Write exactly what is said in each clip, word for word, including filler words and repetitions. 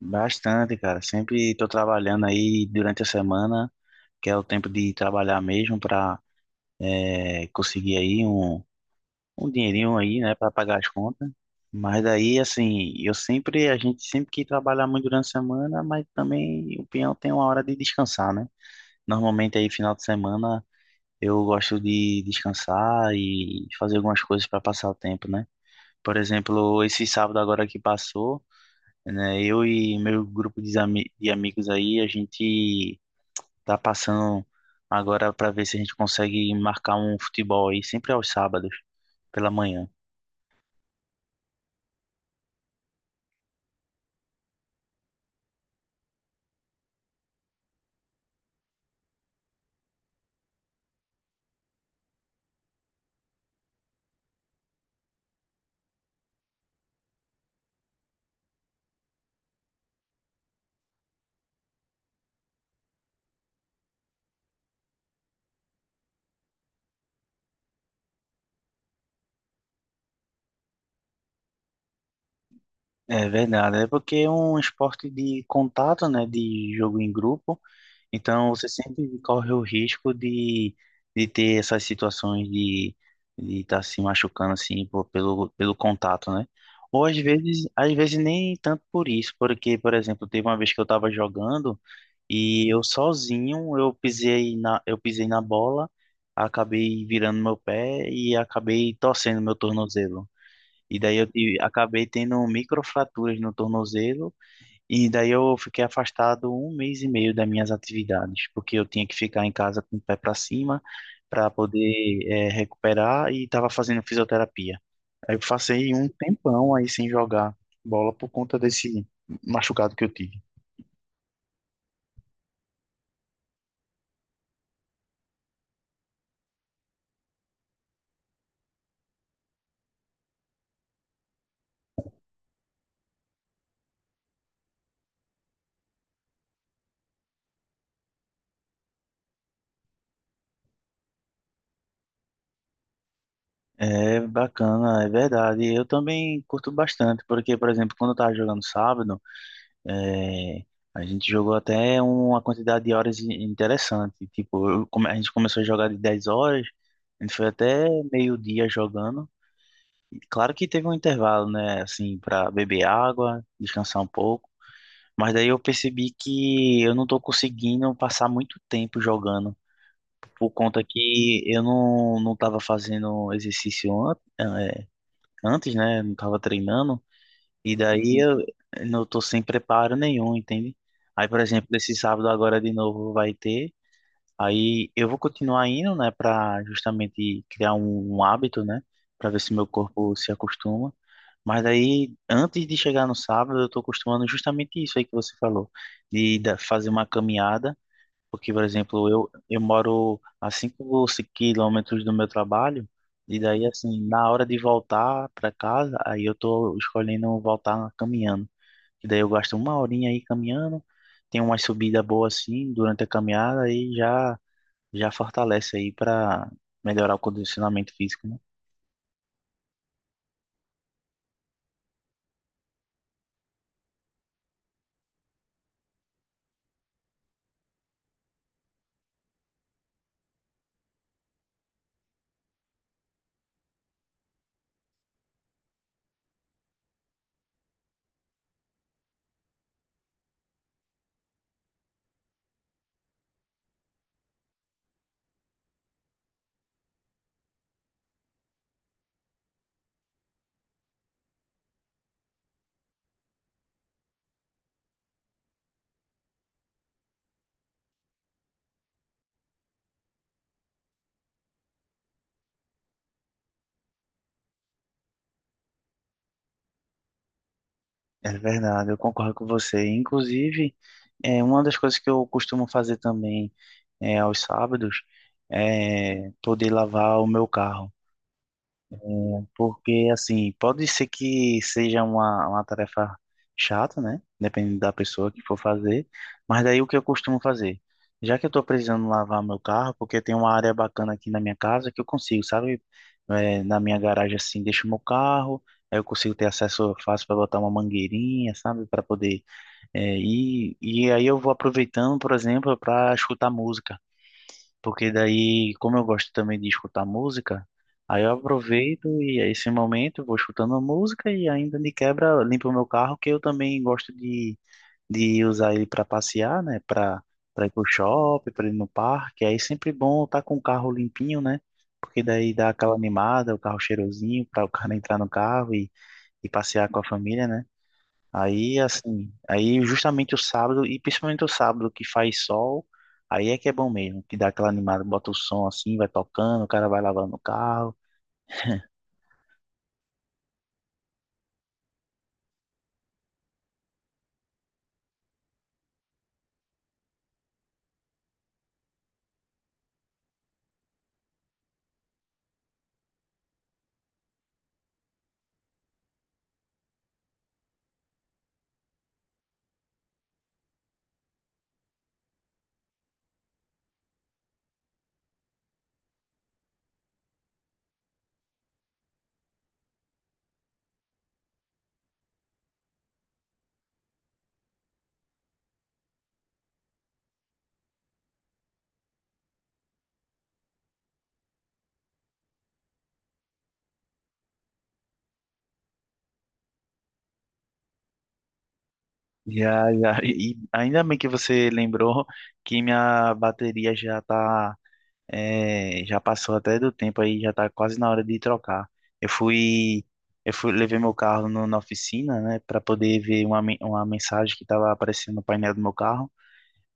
Bastante, cara. Sempre estou trabalhando aí durante a semana, que é o tempo de trabalhar mesmo para conseguir aí um, um dinheirinho aí, né, para pagar as contas. Mas aí, assim, eu sempre, a gente sempre que trabalhar muito durante a semana, mas também o peão tem uma hora de descansar, né? Normalmente aí final de semana eu gosto de descansar e fazer algumas coisas para passar o tempo, né? Por exemplo, esse sábado agora que passou, né? Eu e meu grupo de, ami- de amigos aí, a gente tá passando agora para ver se a gente consegue marcar um futebol aí, sempre aos sábados, pela manhã. É verdade, é porque é um esporte de contato, né, de jogo em grupo, então você sempre corre o risco de, de ter essas situações de de estar se machucando assim por- pelo pelo contato, né? Ou às vezes, às vezes nem tanto por isso, porque, por exemplo, teve uma vez que eu estava jogando. E eu sozinho, eu pisei na, eu pisei na bola, acabei virando meu pé e acabei torcendo meu tornozelo. E daí eu tive- acabei tendo microfraturas no tornozelo, e daí eu fiquei afastado um mês e meio das minhas atividades, porque eu tinha que ficar em casa com o pé para cima para poder, eh, recuperar e estava fazendo fisioterapia. Aí eu passei um tempão aí sem jogar bola por conta desse machucado que eu tive. É bacana, é verdade. Eu também curto bastante, porque, por exemplo, quando eu estava jogando sábado, é, a gente jogou até uma quantidade de horas in- interessante. Tipo, eu come- a gente começou a jogar de dez horas, a gente foi até meio-dia jogando. E claro que teve um intervalo, né, assim, para beber água, descansar um pouco. Mas daí eu percebi que eu não estou conseguindo passar muito tempo jogando, por conta que eu não, não estava fazendo exercício antes. antes, né? Não tava treinando. E daí eu não tô sem preparo nenhum, entende? Aí, por exemplo, esse sábado agora de novo vai ter. Aí eu vou continuar indo, né, pra justamente criar um, um hábito, né? Pra ver se meu corpo se acostuma. Mas aí, antes de chegar no sábado, eu tô acostumando justamente isso aí que você falou. De da- fazer uma caminhada. Porque, por exemplo, eu, eu moro a cinco ou seis quilômetros do meu trabalho, e daí, assim, na hora de voltar para casa, aí eu tô escolhendo voltar caminhando. E daí eu gasto uma horinha aí caminhando, tem uma subida boa assim durante a caminhada e já, já fortalece aí para melhorar o condicionamento físico, né? É verdade, eu concordo com você. Inclusive, é uma das coisas que eu costumo fazer também é, aos sábados, é poder lavar o meu carro. Porque, assim, pode ser que seja uma, uma tarefa chata, né, dependendo da pessoa que for fazer. Mas daí o que eu costumo fazer? Já que eu tô precisando lavar meu carro, porque tem uma área bacana aqui na minha casa que eu consigo, sabe? É, na minha garagem, assim, deixo meu carro, aí eu consigo ter acesso fácil para botar uma mangueirinha, sabe, para poder. É, e, e aí eu vou aproveitando, por exemplo, para escutar música. Porque daí, como eu gosto também de escutar música, aí eu aproveito e é esse momento vou escutando a música e ainda de quebra limpo o meu carro, que eu também gosto de, de usar ele para passear, né? Para para ir pro shopping, para ir no parque. Aí é sempre bom estar com o carro limpinho, né? Porque daí dá aquela animada, o carro cheirosinho, para o cara entrar no carro e, e passear com a família, né? Aí, assim, aí justamente o sábado, e principalmente o sábado que faz sol, aí é que é bom mesmo, que dá aquela animada, bota o som assim, vai tocando, o cara vai lavando o carro. Já, já, e e ainda bem que você lembrou que minha bateria já tá, é, já passou até do tempo aí, já tá quase na hora de trocar. Eu fui, eu fui, levei meu carro no, na oficina, né, para poder ver uma, men- uma mensagem que tava aparecendo no painel do meu carro.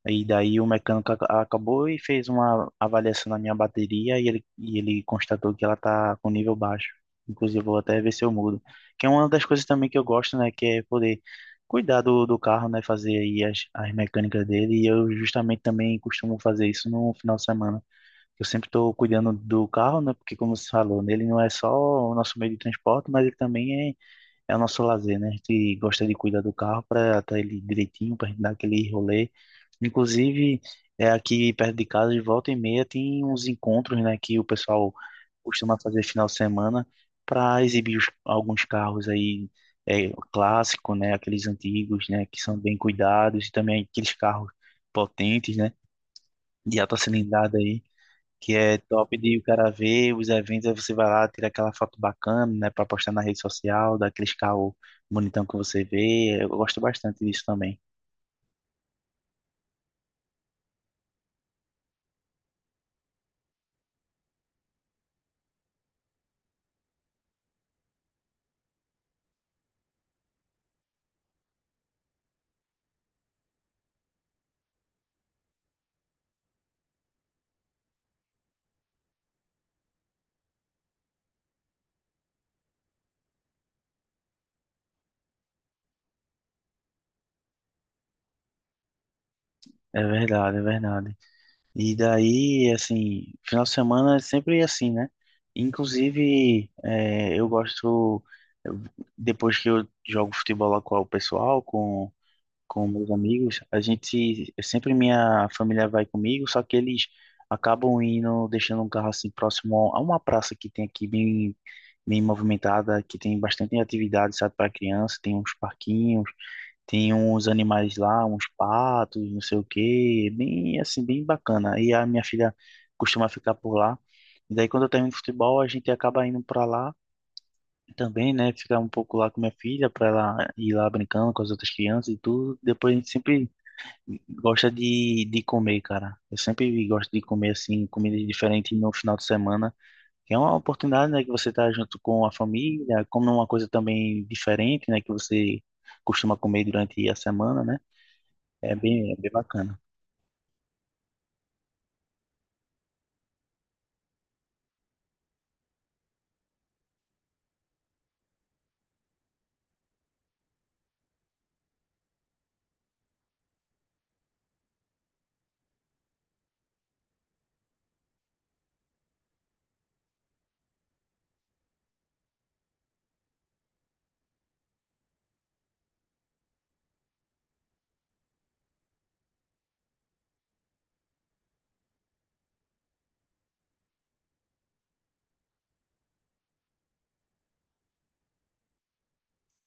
E daí o mecânico ac- acabou e fez uma avaliação na minha bateria e ele, e ele constatou que ela tá com nível baixo. Inclusive, eu vou até ver se eu mudo, que é uma das coisas também que eu gosto, né, que é poder cuidar do, do carro, né? Fazer aí as, as mecânicas dele. E eu justamente também costumo fazer isso no final de semana. Eu sempre estou cuidando do carro, né? Porque como você falou, ele não é só o nosso meio de transporte, mas ele também é é o nosso lazer, né? A gente gosta de cuidar do carro para estar ele direitinho, para gente dar aquele rolê. Inclusive, é aqui perto de casa, de volta e meia, tem uns encontros, né, que o pessoal costuma fazer final de semana para exibir os- alguns carros aí, é, clássicos, né, aqueles antigos, né, que são bem cuidados e também aqueles carros potentes, né, de alta cilindrada aí que é top de o cara ver os eventos, aí você vai lá, tira aquela foto bacana, né, para postar na rede social, dá aqueles caô bonitão que você vê. Eu gosto bastante disso também. É verdade, é verdade. E daí, assim, final de semana é sempre assim, né? Inclusive, é, eu gosto, eu- depois que eu jogo futebol lá com o pessoal, com com meus amigos, a gente sempre minha família vai comigo, só que eles acabam indo, deixando um carro assim próximo a uma praça que tem aqui bem bem movimentada, que tem bastante atividade, sabe, para criança, tem uns parquinhos, tem uns animais lá, uns patos, não sei o quê, bem assim, bem bacana. E a minha filha costuma ficar por lá. E daí quando eu termino futebol, a gente acaba indo para lá também, né, ficar um pouco lá com minha filha, para ela ir lá brincando com as outras crianças e tudo. Depois a gente sempre gosta de, de comer, cara. Eu sempre gosto de comer, assim, comidas diferentes no final de semana, que é uma oportunidade, né, que você tá junto com a família, come uma coisa também diferente, né, que você costuma comer durante a semana, né? É bem, é bem bacana.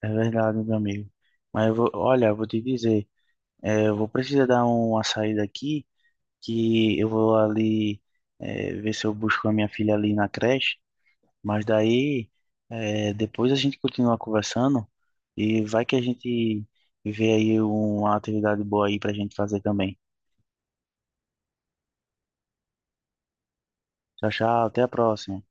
É verdade, meu amigo. Mas eu vou, olha, eu vou te dizer, é, eu vou precisar dar uma saída aqui, que eu vou ali, é, ver se eu busco a minha filha ali na creche. Mas daí, eh, depois a gente continua conversando e vai que a gente vê aí uma atividade boa aí pra gente fazer também. Tchau, tchau, até a próxima.